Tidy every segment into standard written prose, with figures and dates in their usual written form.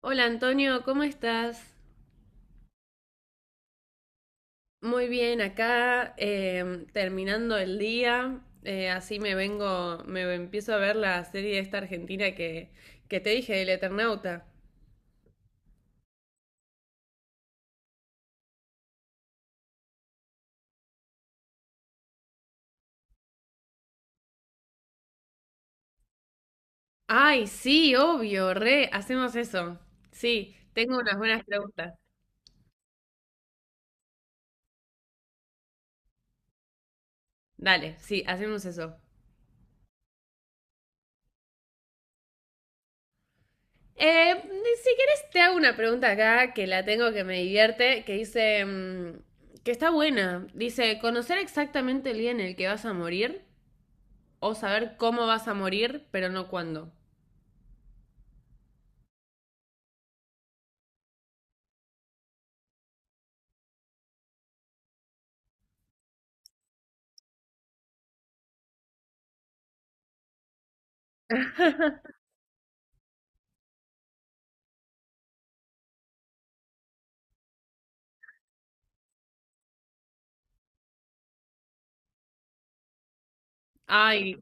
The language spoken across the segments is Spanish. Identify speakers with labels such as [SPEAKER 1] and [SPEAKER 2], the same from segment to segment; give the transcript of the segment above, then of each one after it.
[SPEAKER 1] Hola Antonio, ¿cómo estás? Muy bien, acá terminando el día, así me vengo, me empiezo a ver la serie esta argentina que te dije, El Eternauta. Ay, sí, obvio, re, hacemos eso. Sí, tengo unas buenas preguntas. Dale, sí, hacemos eso. Eh, si quieres te hago una pregunta acá que la tengo que me divierte, que dice, que está buena. Dice, ¿conocer exactamente el día en el que vas a morir? O saber cómo vas a morir, pero no cuándo. Ay,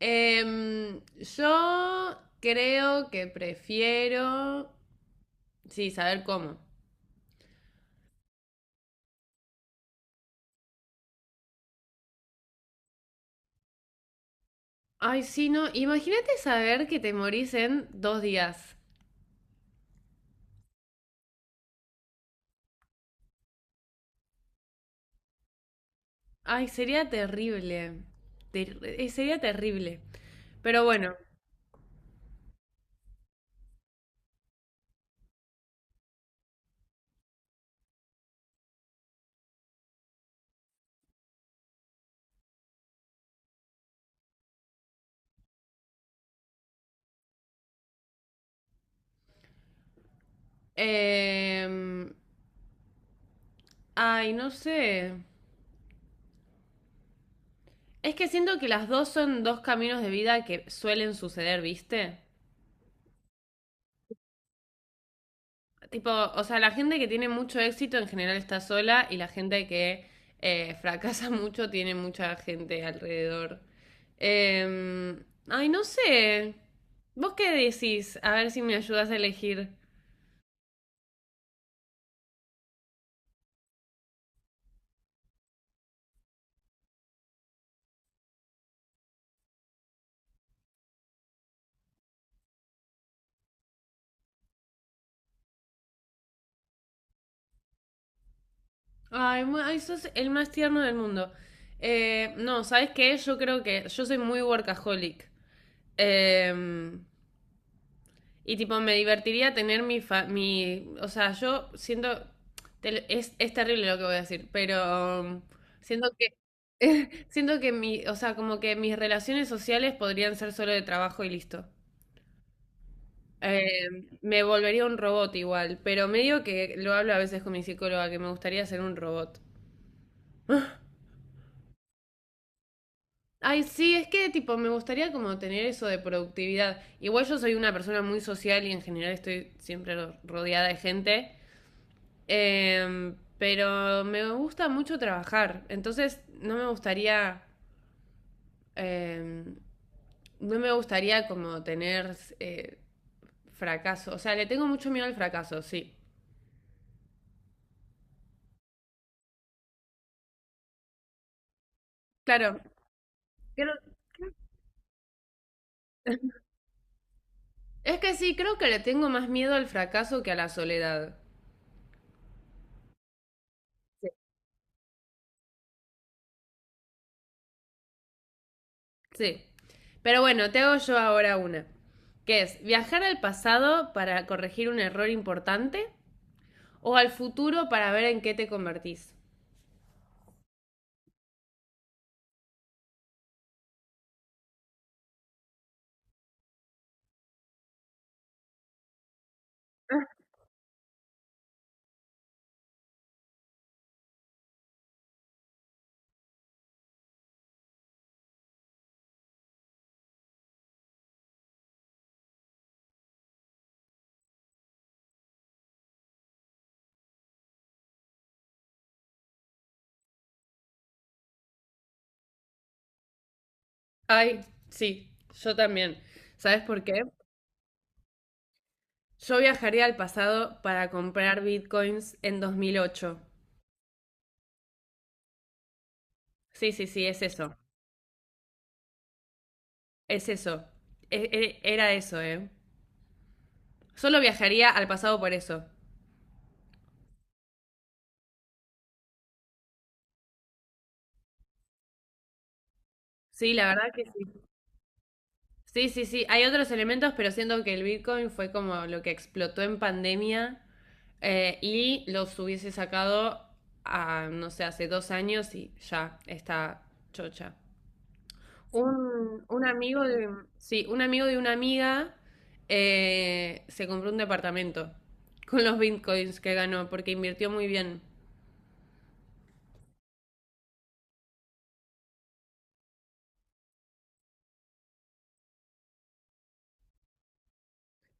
[SPEAKER 1] em, yo creo que prefiero... Sí, saber cómo. Ay, sí, no. Imagínate saber que te morís en 2 días. Ay, sería terrible. Sería terrible. Pero bueno. em, Ay, no sé. Es que siento que las dos son dos caminos de vida que suelen suceder, ¿viste? Tipo, o sea, la gente que tiene mucho éxito en general está sola y la gente que fracasa mucho tiene mucha gente alrededor. Eh, Ay, no sé. ¿Vos qué decís? A ver si me ayudas a elegir. Ay, ay, sos el más tierno del mundo. No, ¿sabes qué? Yo creo que yo soy muy workaholic. Em, Y tipo, me divertiría tener mi, fa mi o sea, yo siento, es terrible lo que voy a decir, pero siento que, siento que mi, o sea, como que mis relaciones sociales podrían ser solo de trabajo y listo. Eh, Me volvería un robot igual, pero medio que lo hablo a veces con mi psicóloga, que me gustaría ser un robot. Ay, sí, es que tipo, me gustaría como tener eso de productividad. Igual yo soy una persona muy social y en general estoy siempre rodeada de gente. Pero me gusta mucho trabajar, entonces no me gustaría, em, no me gustaría como tener fracaso, o sea, le tengo mucho miedo al fracaso, sí. Claro, creo- es que sí, creo que le tengo más miedo al fracaso que a la soledad. Sí. Sí. Pero bueno, te hago yo ahora que es viajar al pasado para corregir un error importante o al futuro para ver en qué te convertís. Ay, sí, yo también. ¿Sabes por qué? Yo viajaría al pasado para comprar bitcoins en 2008. Sí, sí, sí, es eso. Es eso. E- Era eso, ¿eh? Solo viajaría al pasado por eso. Sí, la verdad que sí. Sí, sí, sí. Hay otros elementos, pero siento que el bitcoin fue como lo que explotó en pandemia y los hubiese sacado a, no sé, hace 2 años y ya está chocha. Un amigo sí, un amigo de una amiga se compró un departamento con los bitcoins que ganó porque invirtió muy bien.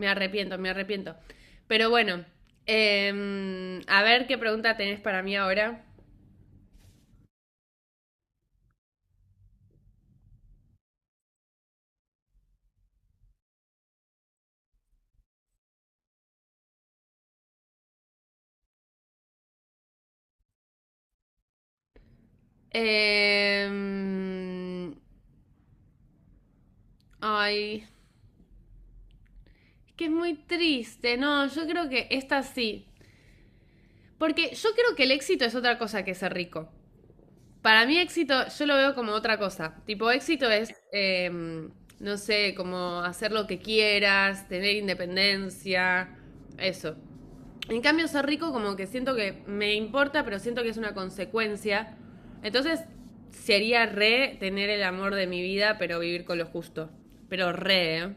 [SPEAKER 1] Me arrepiento, me arrepiento. Pero bueno, a ver qué pregunta tenés para mí ahora. Em, Ay, es que es muy triste. No, yo creo que esta sí. Porque yo creo que el éxito es otra cosa que ser rico. Para mí éxito, yo lo veo como otra cosa. Tipo, éxito es, no sé, como hacer lo que quieras, tener independencia, eso. En cambio, ser rico como que siento que me importa, pero siento que es una consecuencia. Entonces, sería re tener el amor de mi vida, pero vivir con lo justo. Pero re, ¿eh?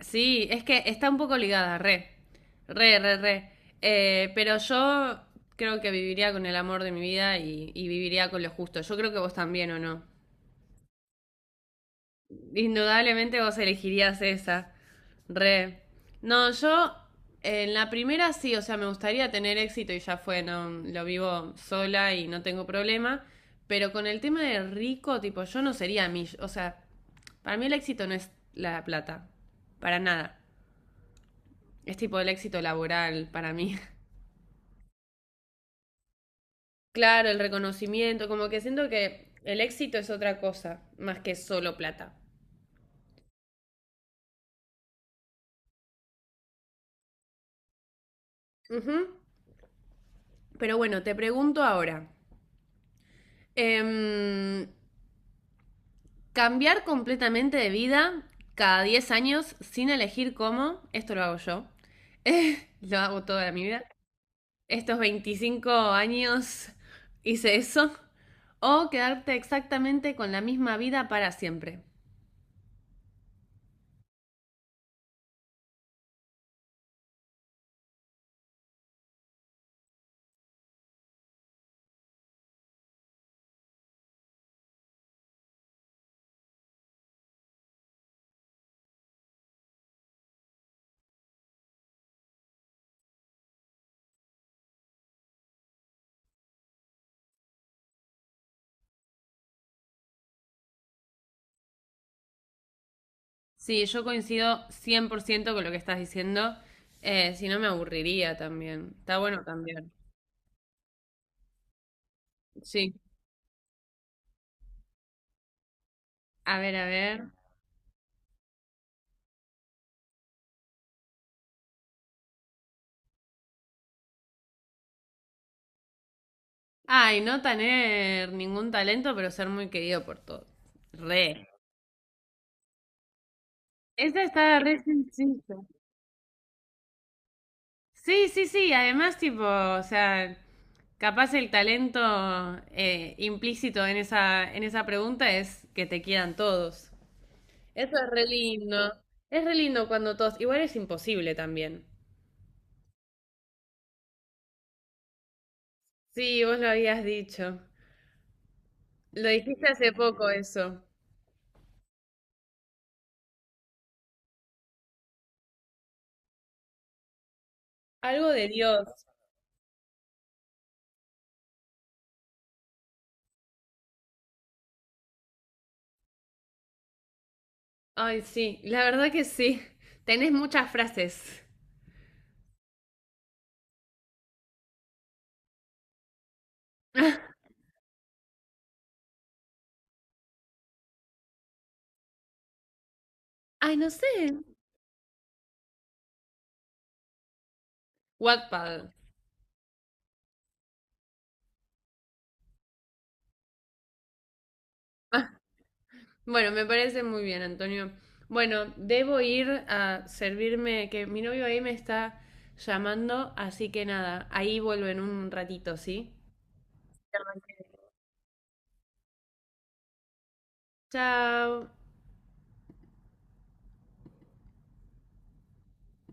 [SPEAKER 1] Sí, es que está un poco ligada, re, re, re, re. Pero yo creo que viviría con el amor de mi vida y viviría con lo justo. Yo creo que vos también, ¿o no? Indudablemente vos elegirías esa, re. No, yo en la primera sí, o sea, me gustaría tener éxito y ya fue, no, lo vivo sola y no tengo problema. Pero con el tema de rico, tipo, yo no sería mi, o sea, para mí el éxito no es la plata, para nada. Es tipo el éxito laboral para mí. Claro, el reconocimiento, como que siento que el éxito es otra cosa, más que solo plata. Ujú. Pero bueno, te pregunto ahora, em, cambiar completamente de vida cada 10 años sin elegir cómo, esto lo hago yo, lo hago toda mi vida, estos 25 años hice eso, o quedarte exactamente con la misma vida para siempre. Sí, yo coincido 100% con lo que estás diciendo. Si no, me aburriría también. Está bueno cambiar. Sí. A ver, a ver. Ay, no tener ningún talento, pero ser muy querido por todos. Re. Esta está re sencilla. Sí, sí, sí. Además, tipo, o sea, capaz el talento implícito en esa pregunta es que te quieran todos. Eso es re lindo. Es re lindo cuando todos. Igual es imposible también. Sí, vos lo habías dicho. Lo dijiste hace poco eso. Algo de Dios. Ay, sí, la verdad que sí. Tenés muchas frases. Ay, no sé. Wattpad. Ah, bueno, me parece muy bien, Antonio. Bueno, debo ir a servirme, que mi novio ahí me está llamando, así que nada, ahí vuelvo en un ratito, ¿sí? Chao.